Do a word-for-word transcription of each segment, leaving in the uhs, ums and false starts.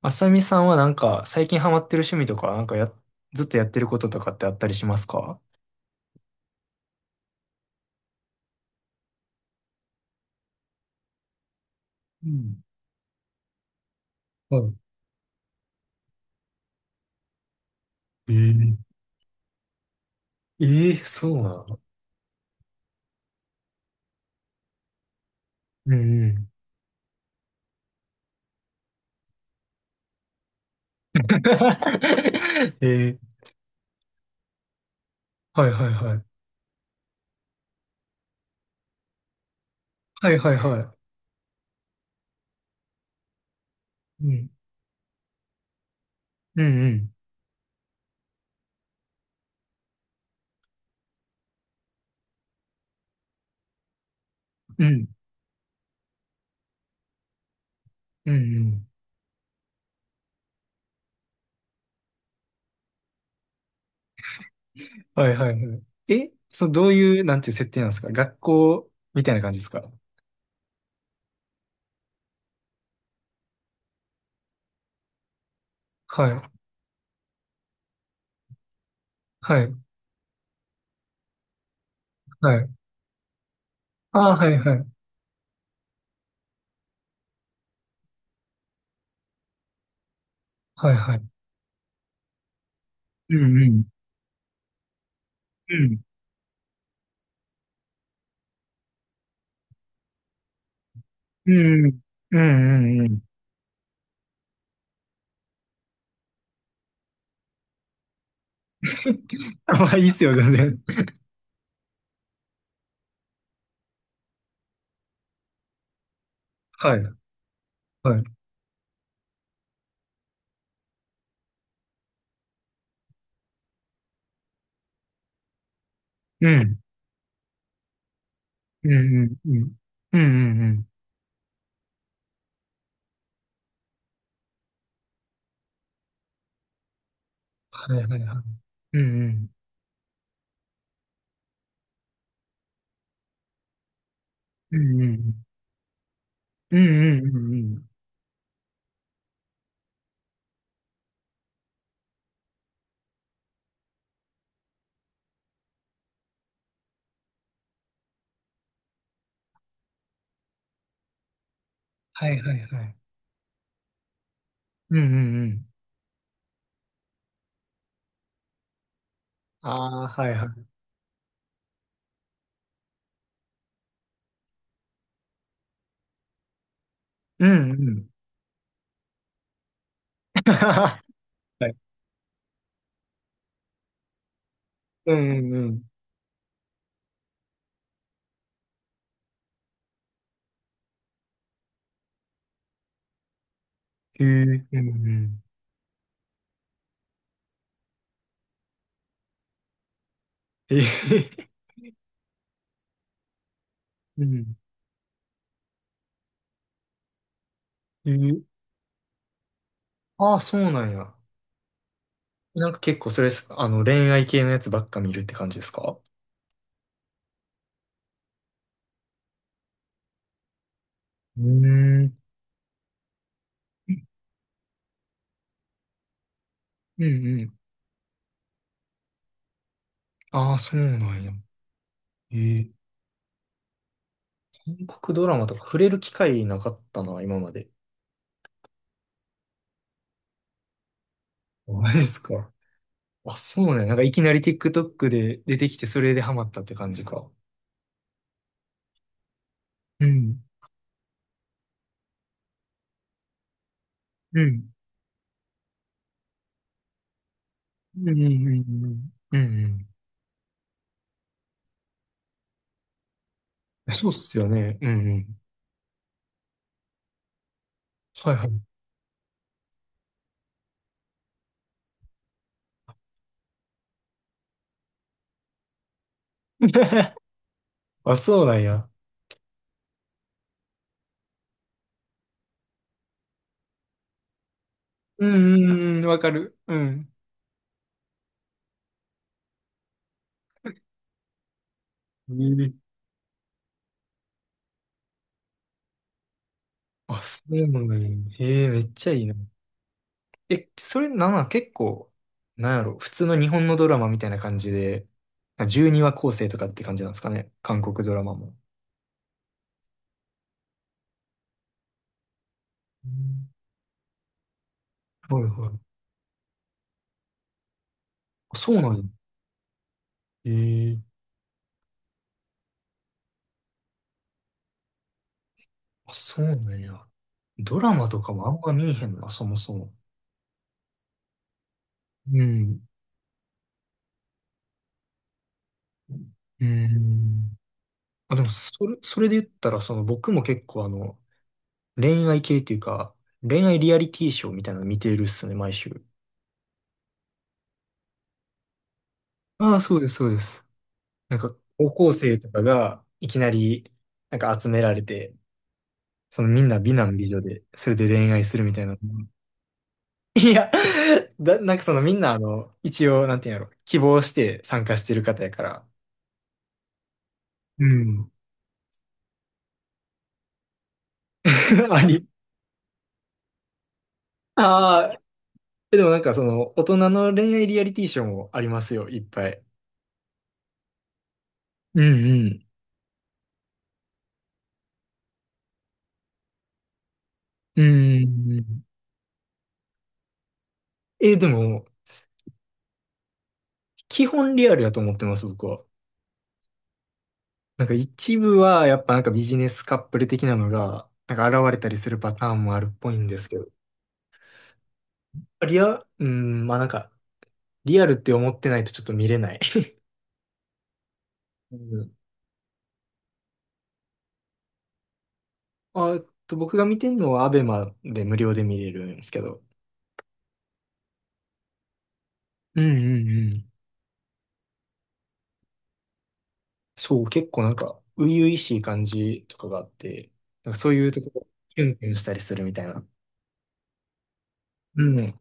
あさみさんはなんか最近ハマってる趣味とか、なんかや、ずっとやってることとかってあったりしますか？うん。はい。ええ。えーそうなの？うんうん。えー。はいはいはい。はいはいはい。うん。うんうん。うん。うんうん。はいはいはい。え、そう、どういう、なんていう設定なんですか？学校みたいな感じですか？はい。はい。はい。ああ、はいはい。はいはい。うんうん。うん。うんうん。うんうんうん。まあいいっすよ、全然。はい、はい、うん。うんうんうん。うんうんうん。はい、はい、はい。うん。うんうん。うんうんうんうん。はい、はい、はい。うんうんうん。ああ、はい、はい。うんうん。はい。うん、うん、うん。へえ、うんうん。えー、うん。えー、ああ、はいはい、うんうん。 はい、うんうんうん、へえ、うんうん、へえ、うん、へえ。ああ、そうなんや。なんか結構それす、あの、恋愛系のやつばっか見るって感じですか？うーん、うんうん。ああ、そうなんや。ええ。韓国ドラマとか触れる機会なかったな、今まで。マジですか。あ、そうね。なんかいきなり ティックトック で出てきて、それでハマったって感じか。うん。うん。うんうんうんうんうん。うん。そうっすよね。うんうん。はいはい。あ、そうなんや。うんうんうん、わかる。うん。ええ。あ、そうなんや。へえ、めっちゃいいな。え、それなんなん、結構、なんやろ、普通の日本のドラマみたいな感じで、じゅうにわ構成とかって感じなんですかね。韓国ドラマも。うん。はいはい。あ、そうなんや。ええ。あ、そうなんや。ドラマとかもあんま見えへんな、そもそも。うん。うん。あ、でも、それ、それで言ったら、その、僕も結構あの、恋愛系っていうか、恋愛リアリティショーみたいなの見てるっすね、毎週。ああ、そうです、そうです。なんか高校生とかがいきなりなんか集められて、そのみんな美男美女で、それで恋愛するみたいな。いや、だ、なんかそのみんなあの、一応、なんていうんやろ、希望して参加してる方やから、うん。あり。ああ、でもなんかその大人の恋愛リアリティショーもありますよ、いっぱい。うんうん。うんうんうん。えーでも、基本リアルやと思ってます、僕は。なんか一部はやっぱなんかビジネスカップル的なのがなんか現れたりするパターンもあるっぽいんですけど。リア、うん、まあなんか、リアルって思ってないとちょっと見れない。うん。あ、えっと、僕が見てるのはアベマで無料で見れるんですけど。うんうんうん。そう、結構なんか初々しい感じとかがあって、なんかそういうところキュンキュンしたりするみたいな。うん。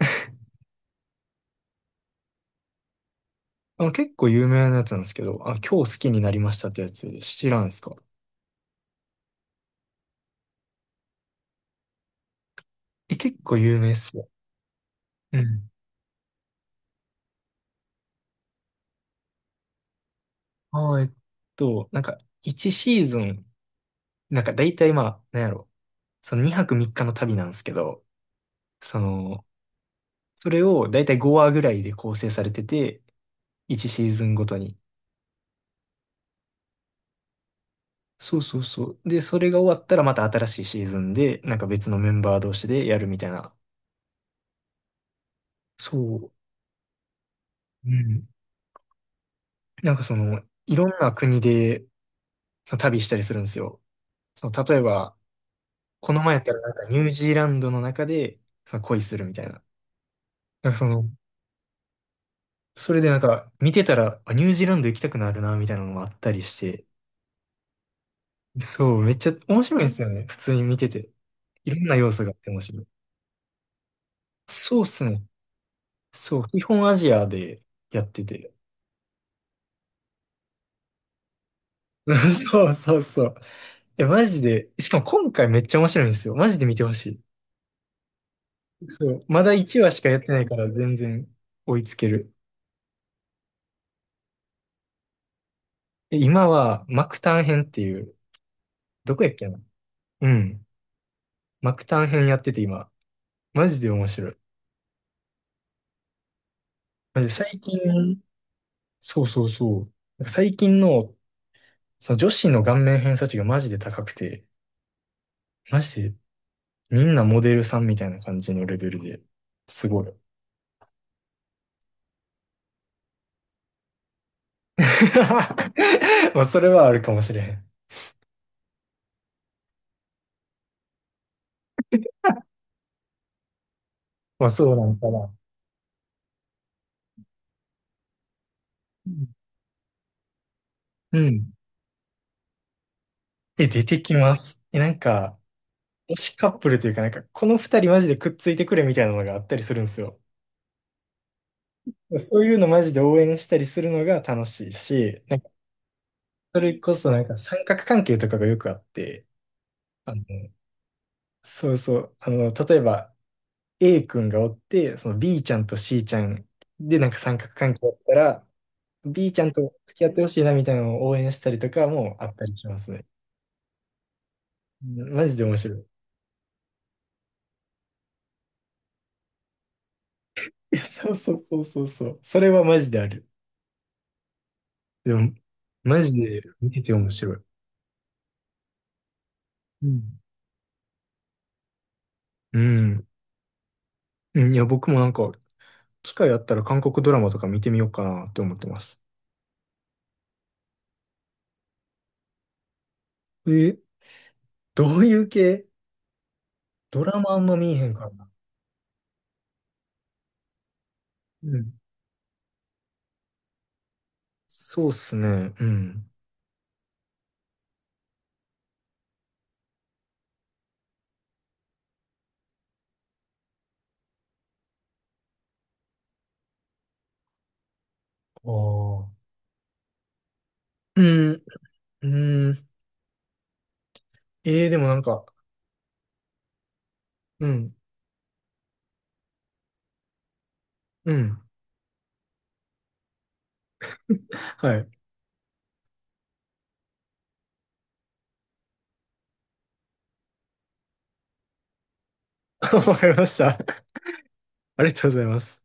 あの結構有名なやつなんですけど、あの、今日好きになりましたってやつ知らんすか？え、結構有名っすよ。うん。ああ、えっと、なんか、ワンシーズン、なんか大体まあ、なんやろ、そのにはくみっかの旅なんですけど、その、それを大体ごわぐらいで構成されてて、いちシーズンごとに。そうそうそう。で、それが終わったらまた新しいシーズンで、なんか別のメンバー同士でやるみたいな。そう。うん。なんかその、いろんな国でその旅したりするんですよ。その、例えば、この前やったらなんかニュージーランドの中で、その恋するみたいな。なんかその、それでなんか見てたら、あ、ニュージーランド行きたくなるな、みたいなのもあったりして。そう、めっちゃ面白いんですよね。普通に見てて。いろんな要素があって面白い。そうっすね。そう、基本アジアでやってて。そうそうそう。え、マジで。しかも今回めっちゃ面白いんですよ。マジで見てほしい。そう、まだいちわしかやってないから全然追いつける。え、今はマクタン編っていう、どこやっけな。うん。マクタン編やってて今。マジで面白い。マジで最近。そうそうそう。なんか最近の、その女子の顔面偏差値がマジで高くて、マジでみんなモデルさんみたいな感じのレベルで、すごい。まあ、それはあるかもしれへん。まあ、そうなんかな。うん。うん。え、出てきます。え、なんか、推しカップルというか、なんか、この二人マジでくっついてくれみたいなのがあったりするんですよ。そういうのマジで応援したりするのが楽しいし、なんか、それこそなんか三角関係とかがよくあって、あの、そうそう。あの、例えば A 君がおって、その B ちゃんと シー ちゃんでなんか三角関係だったら、B ちゃんと付き合ってほしいなみたいなのを応援したりとかもあったりしますね。うん、マジで面白い。いや、そうそうそうそうそう。それはマジである。でも、マジで見てて面白い。うん。うん。うん。いや、僕もなんか、機会あったら韓国ドラマとか見てみようかなって思ってます。え、どういう系？ドラマあんま見えへんからな。うん。そうっすね。うん。ああ。うん、うん。ええー、でもなんか、うん、うん。はい。わかりました。ありがとうございます。